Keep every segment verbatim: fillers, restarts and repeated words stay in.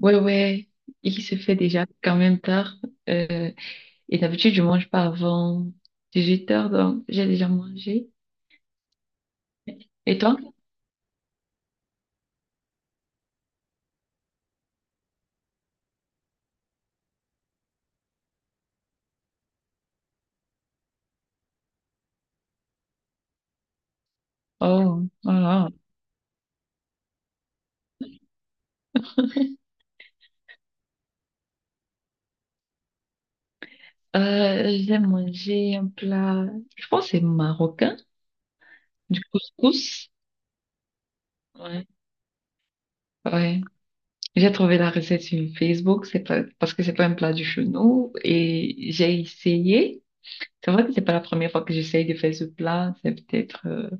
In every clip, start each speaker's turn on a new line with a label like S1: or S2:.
S1: Ouais, ouais, il se fait déjà quand même tard. Euh, et d'habitude, je mange pas avant dix-huit heures, donc j'ai déjà mangé. Et toi? Oh, voilà. Euh, j'ai mangé un plat, je pense que c'est marocain, du couscous. Ouais. Ouais. J'ai trouvé la recette sur Facebook, c'est pas, parce que c'est pas un plat du chez nous, et j'ai essayé. C'est vrai que c'est pas la première fois que j'essaye de faire ce plat, c'est peut-être, euh,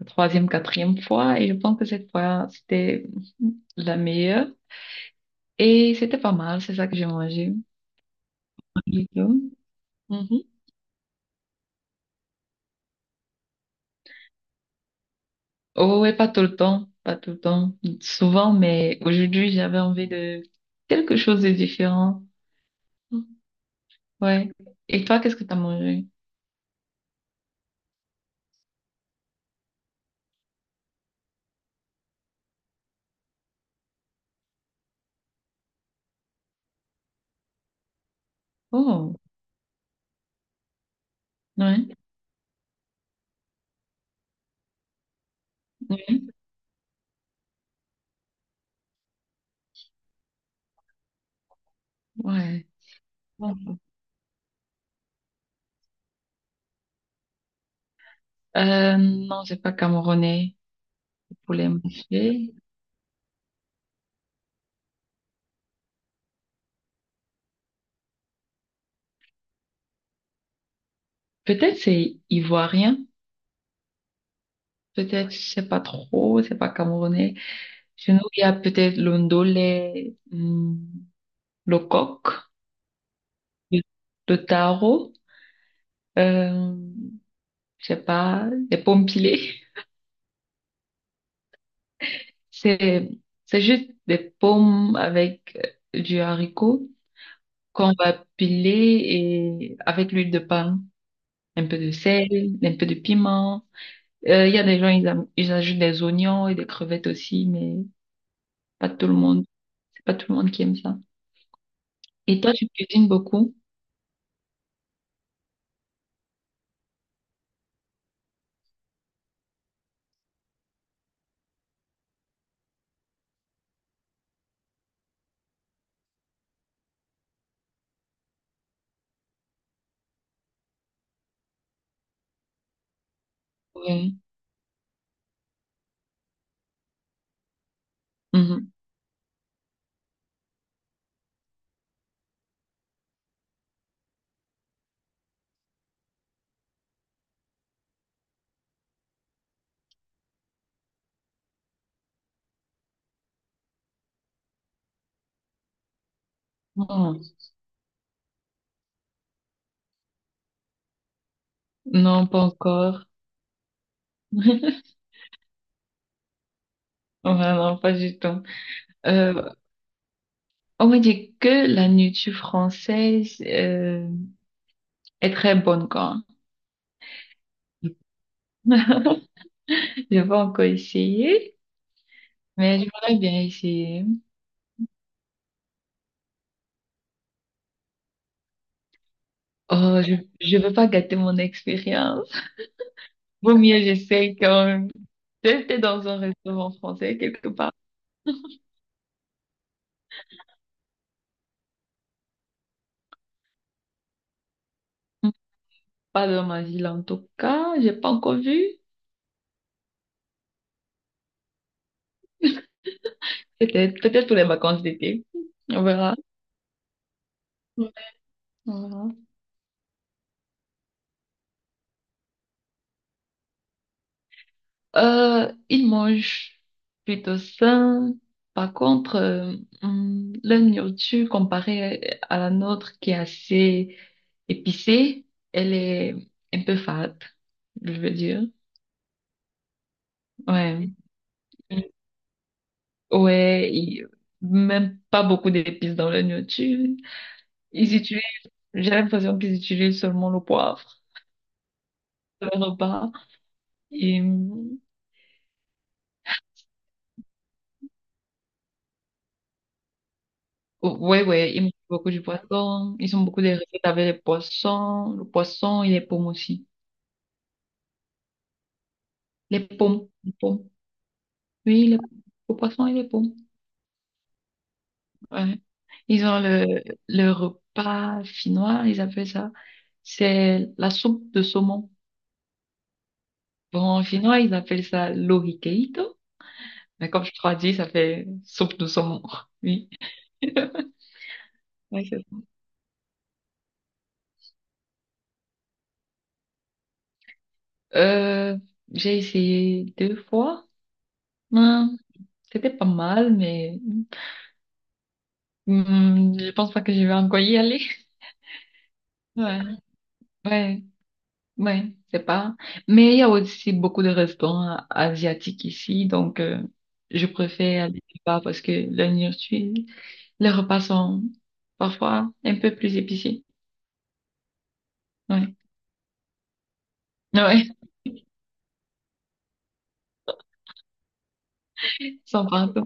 S1: la troisième, quatrième fois, et je pense que cette fois, c'était la meilleure. Et c'était pas mal, c'est ça que j'ai mangé. Du tout. Mhm. Oh, ouais, pas tout le temps, pas tout le temps, souvent, mais aujourd'hui, j'avais envie de quelque chose de différent. Ouais. Et toi, qu'est-ce que t'as mangé? Oh, ouais, ouais, ouais. Bon. Euh, non, c'est pas camerounais, le poulet mâché. Peut-être c'est ivoirien, peut-être, je sais pas trop, c'est pas camerounais. Chez nous, il y a peut-être l'ondolé, hum, le coq, le, le taro, euh, je sais pas, les pommes pilées. C'est, c'est juste des pommes avec euh, du haricot qu'on va piler et avec l'huile de palme, un peu de sel, un peu de piment. Euh, il y a des gens, ils, am- ils ajoutent des oignons et des crevettes aussi, mais pas tout le monde, c'est pas tout le monde qui aime ça. Et toi, tu cuisines beaucoup? Oui. Mhm. Oh. Non, pas encore. Vraiment, pas du tout. Euh, on m'a dit que la nourriture française euh, est très bonne, quoi. J'ai pas encore essayé, mais j'aimerais bien essayer. Oh, je, je veux pas gâter mon expérience. Vaut mieux, j'essaie quand même. J'étais dans un restaurant français quelque part. Pas dans ma ville, en tout cas. J'ai pas encore vu. Peut-être, peut-être pour les vacances d'été. On verra. On verra. Euh, ils mangent plutôt sain. Par contre, euh, hum, leur nourriture comparée à la nôtre qui est assez épicée, elle est un peu fade, je veux dire. Ouais. Mm. Ouais, ils- Même pas beaucoup d'épices dans leur nourriture. Ils utilisent, j'ai l'impression qu'ils utilisent seulement le poivre dans leur repas. Et, hum, ouais, ouais, ils mangent beaucoup du poisson. Ils ont beaucoup de recettes avec les poissons. Le poisson, il est pauvre aussi. Les pommes, les pommes. Oui, les, le poisson et les pommes. Ouais. Ils ont le, le repas finnois, ils appellent ça. C'est la soupe de saumon. Bon, en finnois, ils appellent ça lohikeito. Mais comme je traduis, ça fait soupe de saumon. Oui. Ouais, c'est ça. Euh, j'ai essayé deux fois. Hum, c'était pas mal, mais hum, je pense pas que je vais encore y aller. Ouais. Ouais. Oui, c'est pas. Mais il y a aussi beaucoup de restaurants asiatiques ici, donc euh, je préfère aller là-bas parce que la nourriture, les repas sont parfois un peu plus épicés. Oui, oui, sans pardon.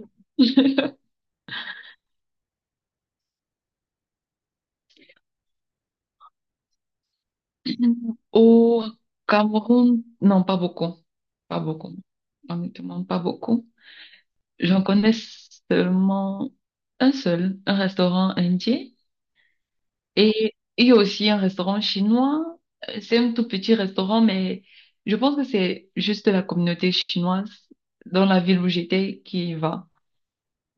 S1: Au Cameroun, non, pas beaucoup. Pas beaucoup. Honnêtement, pas beaucoup. J'en connais seulement un seul, un restaurant indien. Et il y a aussi un restaurant chinois. Euh, C'est un tout petit restaurant, mais je pense que c'est juste la communauté chinoise dans la ville où j'étais qui y va.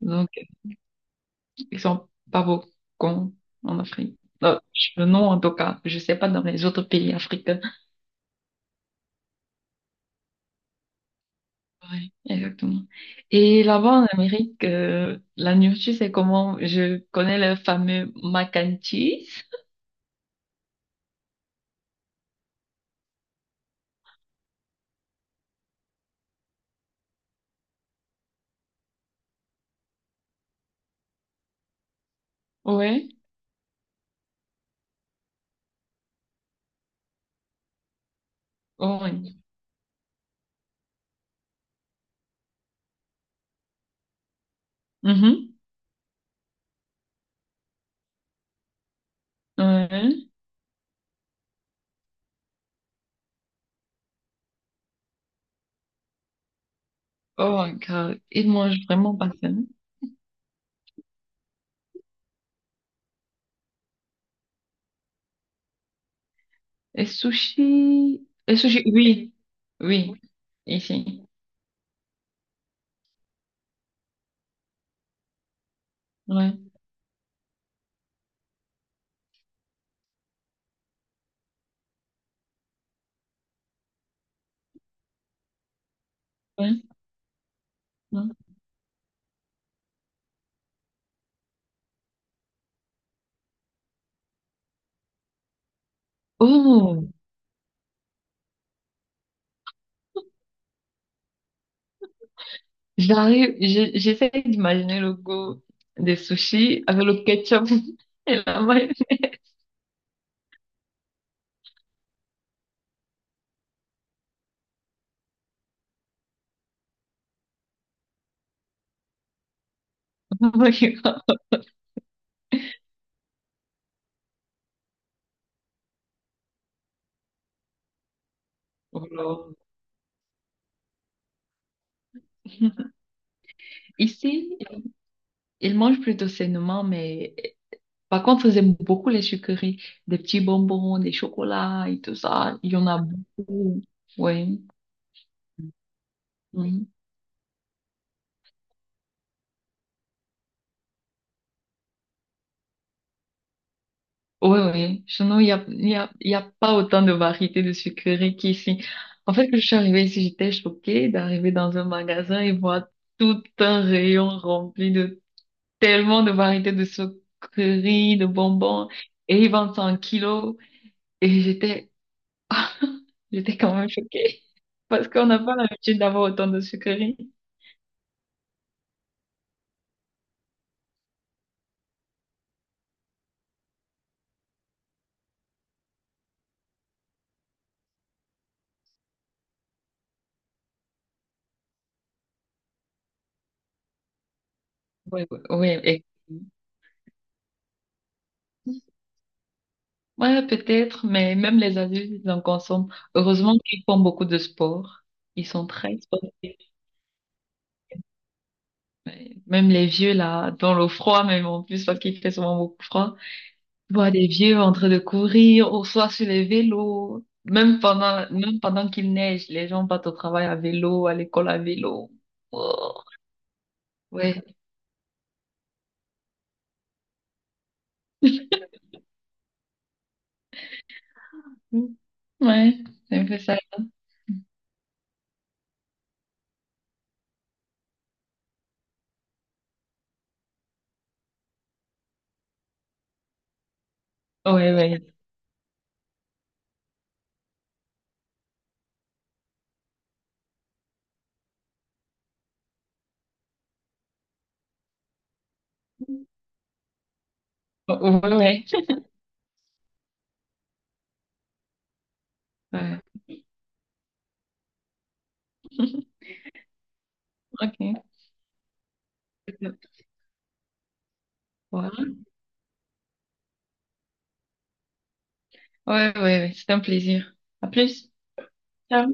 S1: Donc, ils sont pas beaucoup en Afrique. Non, je- non, en tout cas, je sais pas dans les autres pays africains. Oui, exactement. Et là-bas en Amérique, euh, la nourriture, c'est comment? Je connais le fameux mac and cheese. Ouais. Oh, oui. Mhm. Ouais. Oh my God. Ils mangent vraiment pas ça. Et sushi. Et sushi, oui. Oui. Oui. Ici. Ouais. Ouais. Ouais. Oh, j'arrive, je- J'essaie d'imaginer le goût des sushis avec le ketchup et la mayo- Oh là. Ici, ils mangent plutôt sainement, mais par contre, ils aiment beaucoup les sucreries, des petits bonbons, des chocolats et tout ça. Il y en a beaucoup. Oui. Oui, oui. Sinon, il n'y a, il y a, il y a pas autant de variétés de sucreries qu'ici. En fait, quand je suis arrivée ici, j'étais choquée d'arriver dans un magasin et voir tout un rayon rempli de tellement de variétés de sucreries, de bonbons. Et ils vendent ça en kilos. Et j'étais, j'étais quand même choquée. Parce qu'on n'a pas l'habitude d'avoir autant de sucreries. Oui, oui, oui. et- Ouais, peut-être, mais même les adultes, ils en consomment. Heureusement qu'ils font beaucoup de sport. Ils sont très sportifs. Même les vieux, là, dans le froid, même en plus, parce qu'il fait souvent beaucoup froid. Je vois des vieux en train de courir, ou soit sur les vélos. Même pendant, même pendant qu'il neige, les gens partent au travail à vélo, à l'école à vélo. Oh, ouais. Ouais, c'est un peu ça. Ouais, ouais. Ouais, ouais. Ouais. Ok. Voilà. Ouais, ouais, ouais. C'est un plaisir. À plus. Ciao.